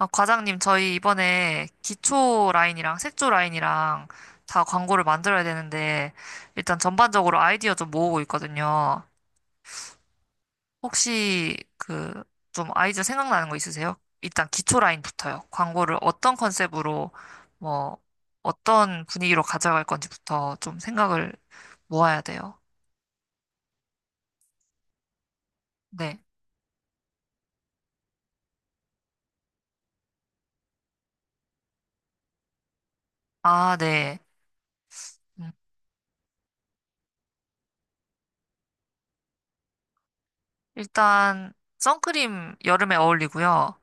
아, 과장님, 저희 이번에 기초 라인이랑 색조 라인이랑 다 광고를 만들어야 되는데, 일단 전반적으로 아이디어 좀 모으고 있거든요. 혹시 좀 아이디어 생각나는 거 있으세요? 일단 기초 라인부터요. 광고를 어떤 컨셉으로, 뭐, 어떤 분위기로 가져갈 건지부터 좀 생각을 모아야 돼요. 네. 아, 네. 음, 일단, 선크림 여름에 어울리고요.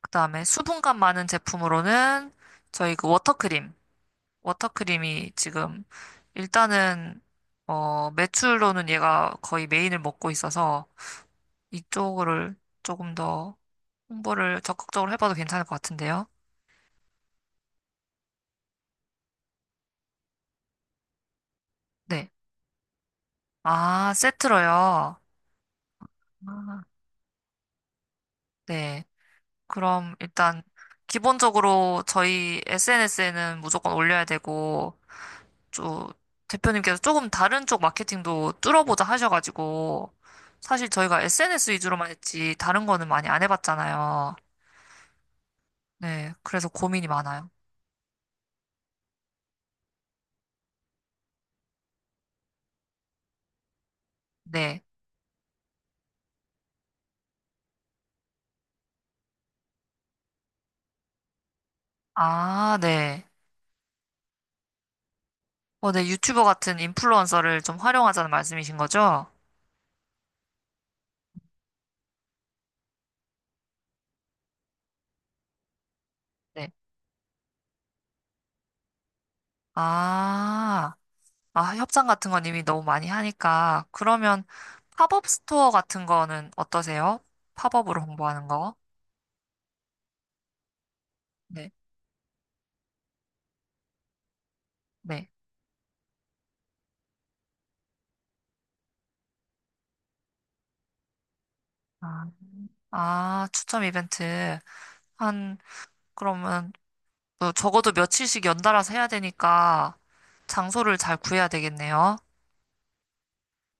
그다음에 수분감 많은 제품으로는 저희 그 워터크림. 워터크림이 지금 일단은 매출로는 얘가 거의 메인을 먹고 있어서 이쪽을 조금 더 홍보를 적극적으로 해봐도 괜찮을 것 같은데요. 네. 아, 세트로요. 아. 네. 그럼 일단 기본적으로 저희 SNS에는 무조건 올려야 되고 저 대표님께서 조금 다른 쪽 마케팅도 뚫어보자 하셔가지고 사실 저희가 SNS 위주로만 했지 다른 거는 많이 안 해봤잖아요. 네, 그래서 고민이 많아요. 네. 아, 네. 네, 유튜버 같은 인플루언서를 좀 활용하자는 말씀이신 거죠? 네. 아, 아, 협상 같은 건 이미 너무 많이 하니까 그러면 팝업 스토어 같은 거는 어떠세요? 팝업으로 홍보하는 거? 네, 네. 아, 아, 추첨 이벤트. 한 그러면 뭐 적어도 며칠씩 연달아서 해야 되니까 장소를 잘 구해야 되겠네요.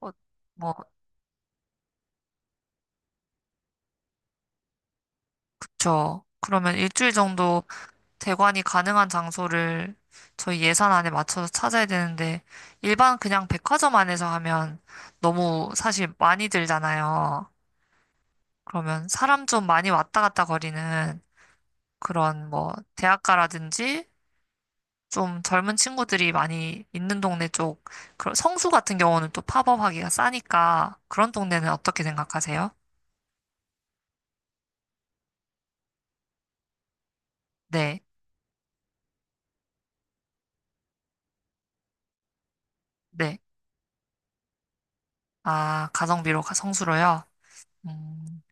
어, 뭐, 그쵸. 그러면 일주일 정도 대관이 가능한 장소를 저희 예산 안에 맞춰서 찾아야 되는데, 일반 그냥 백화점 안에서 하면 너무 사실 많이 들잖아요. 그러면 사람 좀 많이 왔다 갔다 거리는 그런 뭐, 대학가라든지 좀 젊은 친구들이 많이 있는 동네 쪽, 그런 성수 같은 경우는 또 팝업하기가 싸니까 그런 동네는 어떻게 생각하세요? 네, 네. 아, 성수로요? 음,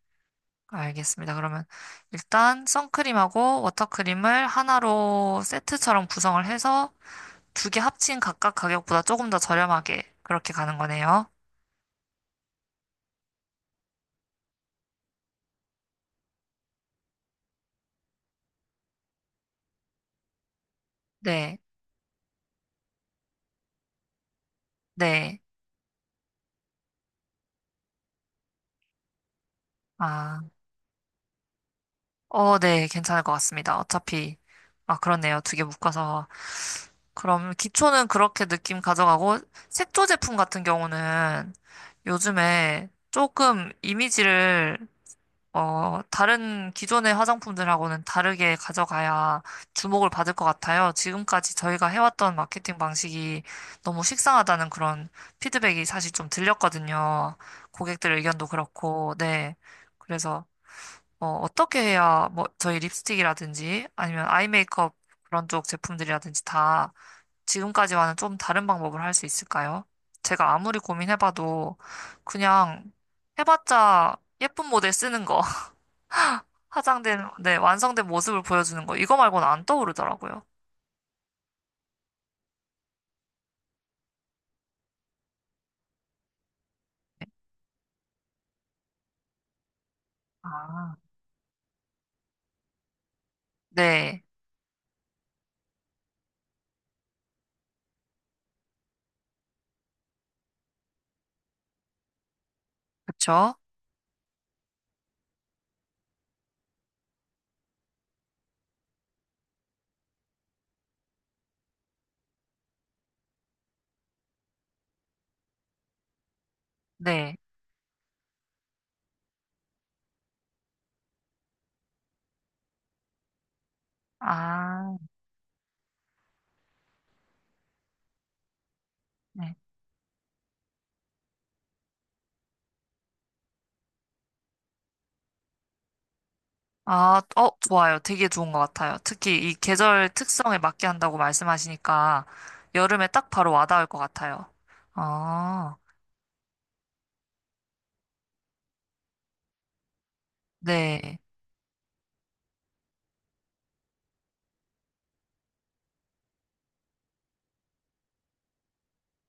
알겠습니다. 그러면 일단 선크림하고 워터크림을 하나로 세트처럼 구성을 해서 두 개 합친 각각 가격보다 조금 더 저렴하게 그렇게 가는 거네요. 네, 네. 아, 네. 괜찮을 것 같습니다. 어차피, 아, 그렇네요. 두 개 묶어서. 그럼 기초는 그렇게 느낌 가져가고 색조 제품 같은 경우는 요즘에 조금 이미지를 다른 기존의 화장품들하고는 다르게 가져가야 주목을 받을 것 같아요. 지금까지 저희가 해왔던 마케팅 방식이 너무 식상하다는 그런 피드백이 사실 좀 들렸거든요. 고객들 의견도 그렇고, 네. 그래서 어떻게 해야 뭐 저희 립스틱이라든지 아니면 아이 메이크업 그런 쪽 제품들이라든지 다 지금까지와는 좀 다른 방법을 할 수 있을까요? 제가 아무리 고민해봐도 그냥 해봤자 예쁜 모델 쓰는 거, 화장된, 네, 완성된 모습을 보여주는 거, 이거 말고는 안 떠오르더라고요. 아, 네, 그쵸? 네. 아, 네. 아, 좋아요. 되게 좋은 것 같아요. 특히 이 계절 특성에 맞게 한다고 말씀하시니까 여름에 딱 바로 와닿을 것 같아요. 아, 네.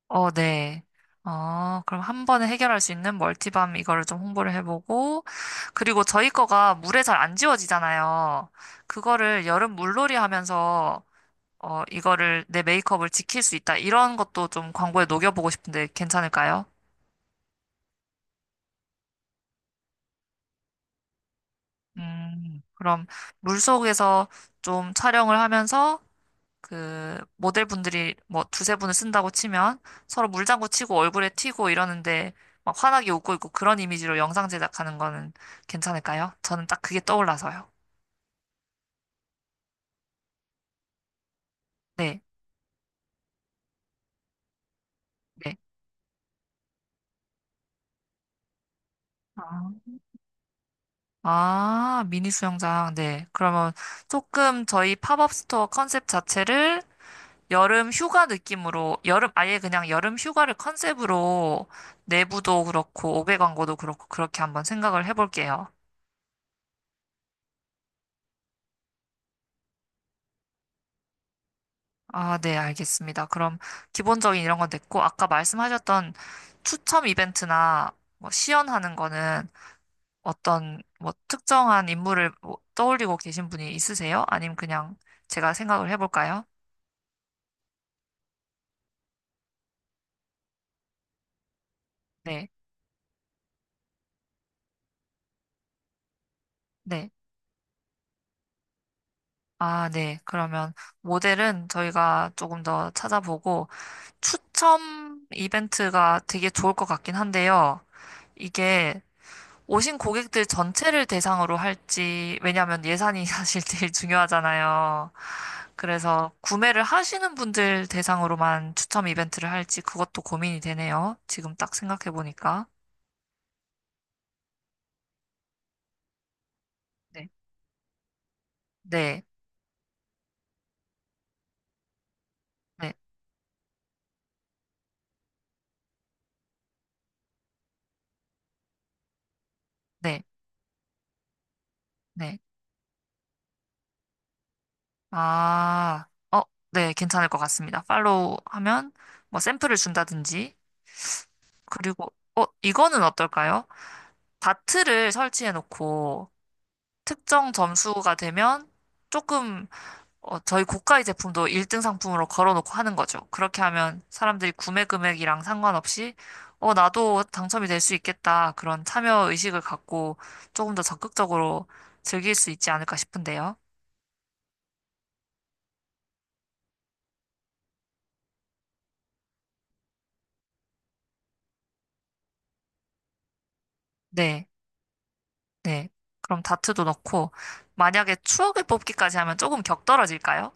네. 그럼 한 번에 해결할 수 있는 멀티밤 이거를 좀 홍보를 해보고, 그리고 저희 거가 물에 잘 안 지워지잖아요. 그거를 여름 물놀이 하면서, 이거를 내 메이크업을 지킬 수 있다. 이런 것도 좀 광고에 녹여보고 싶은데 괜찮을까요? 그럼 물 속에서 좀 촬영을 하면서 그 모델분들이 뭐 두세 분을 쓴다고 치면 서로 물장구 치고 얼굴에 튀고 이러는데 막 환하게 웃고 있고 그런 이미지로 영상 제작하는 거는 괜찮을까요? 저는 딱 그게 떠올라서요. 네. 네. 아, 아, 미니 수영장. 네. 그러면 조금 저희 팝업 스토어 컨셉 자체를 여름 휴가 느낌으로, 여름, 아예 그냥 여름 휴가를 컨셉으로 내부도 그렇고, 오배 광고도 그렇고, 그렇게 한번 생각을 해볼게요. 아, 네, 알겠습니다. 그럼 기본적인 이런 건 됐고, 아까 말씀하셨던 추첨 이벤트나 뭐 시연하는 거는 어떤 뭐 특정한 인물을 뭐 떠올리고 계신 분이 있으세요? 아님 그냥 제가 생각을 해볼까요? 네, 네. 아, 네. 그러면 모델은 저희가 조금 더 찾아보고, 추첨 이벤트가 되게 좋을 것 같긴 한데요. 이게 오신 고객들 전체를 대상으로 할지, 왜냐면 하 예산이 사실 제일 중요하잖아요. 그래서 구매를 하시는 분들 대상으로만 추첨 이벤트를 할지 그것도 고민이 되네요. 지금 딱 생각해 보니까. 네. 네, 네, 네, 네. 아, 네, 괜찮을 것 같습니다. 팔로우 하면 뭐 샘플을 준다든지, 그리고, 이거는 어떨까요? 다트를 설치해 놓고 특정 점수가 되면 조금 저희 고가의 제품도 1등 상품으로 걸어놓고 하는 거죠. 그렇게 하면 사람들이 구매 금액이랑 상관없이, 나도 당첨이 될 수 있겠다. 그런 참여 의식을 갖고 조금 더 적극적으로 즐길 수 있지 않을까 싶은데요. 네, 네. 그럼 다트도 넣고, 만약에 추억을 뽑기까지 하면 조금 격떨어질까요?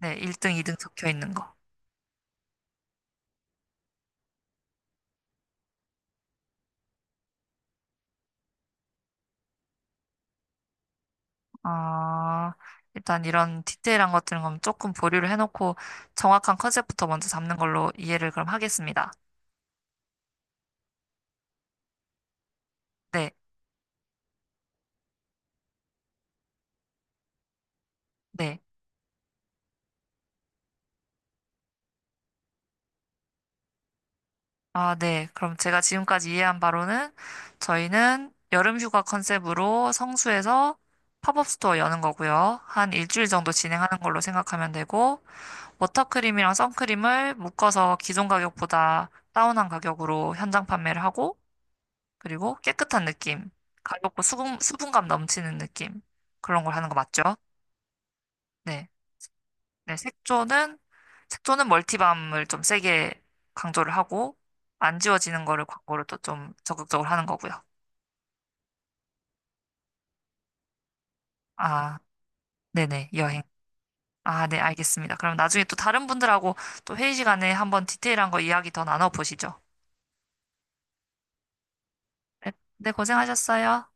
네, 1등, 2등 적혀 있는 거. 아, 일단 이런 디테일한 것들은 그럼 조금 보류를 해놓고 정확한 컨셉부터 먼저 잡는 걸로 이해를 그럼 하겠습니다. 네, 네. 아, 네. 그럼 제가 지금까지 이해한 바로는 저희는 여름 휴가 컨셉으로 성수에서 팝업 스토어 여는 거고요. 한 일주일 정도 진행하는 걸로 생각하면 되고, 워터크림이랑 선크림을 묶어서 기존 가격보다 다운한 가격으로 현장 판매를 하고, 그리고 깨끗한 느낌, 가볍고 수분감 넘치는 느낌, 그런 걸 하는 거 맞죠? 네. 네, 색조는 멀티밤을 좀 세게 강조를 하고 안 지워지는 거를 광고로 또 좀 적극적으로 하는 거고요. 아, 네네, 여행. 아, 네, 알겠습니다. 그럼 나중에 또 다른 분들하고 또 회의 시간에 한번 디테일한 거 이야기 더 나눠보시죠. 네, 네, 고생하셨어요.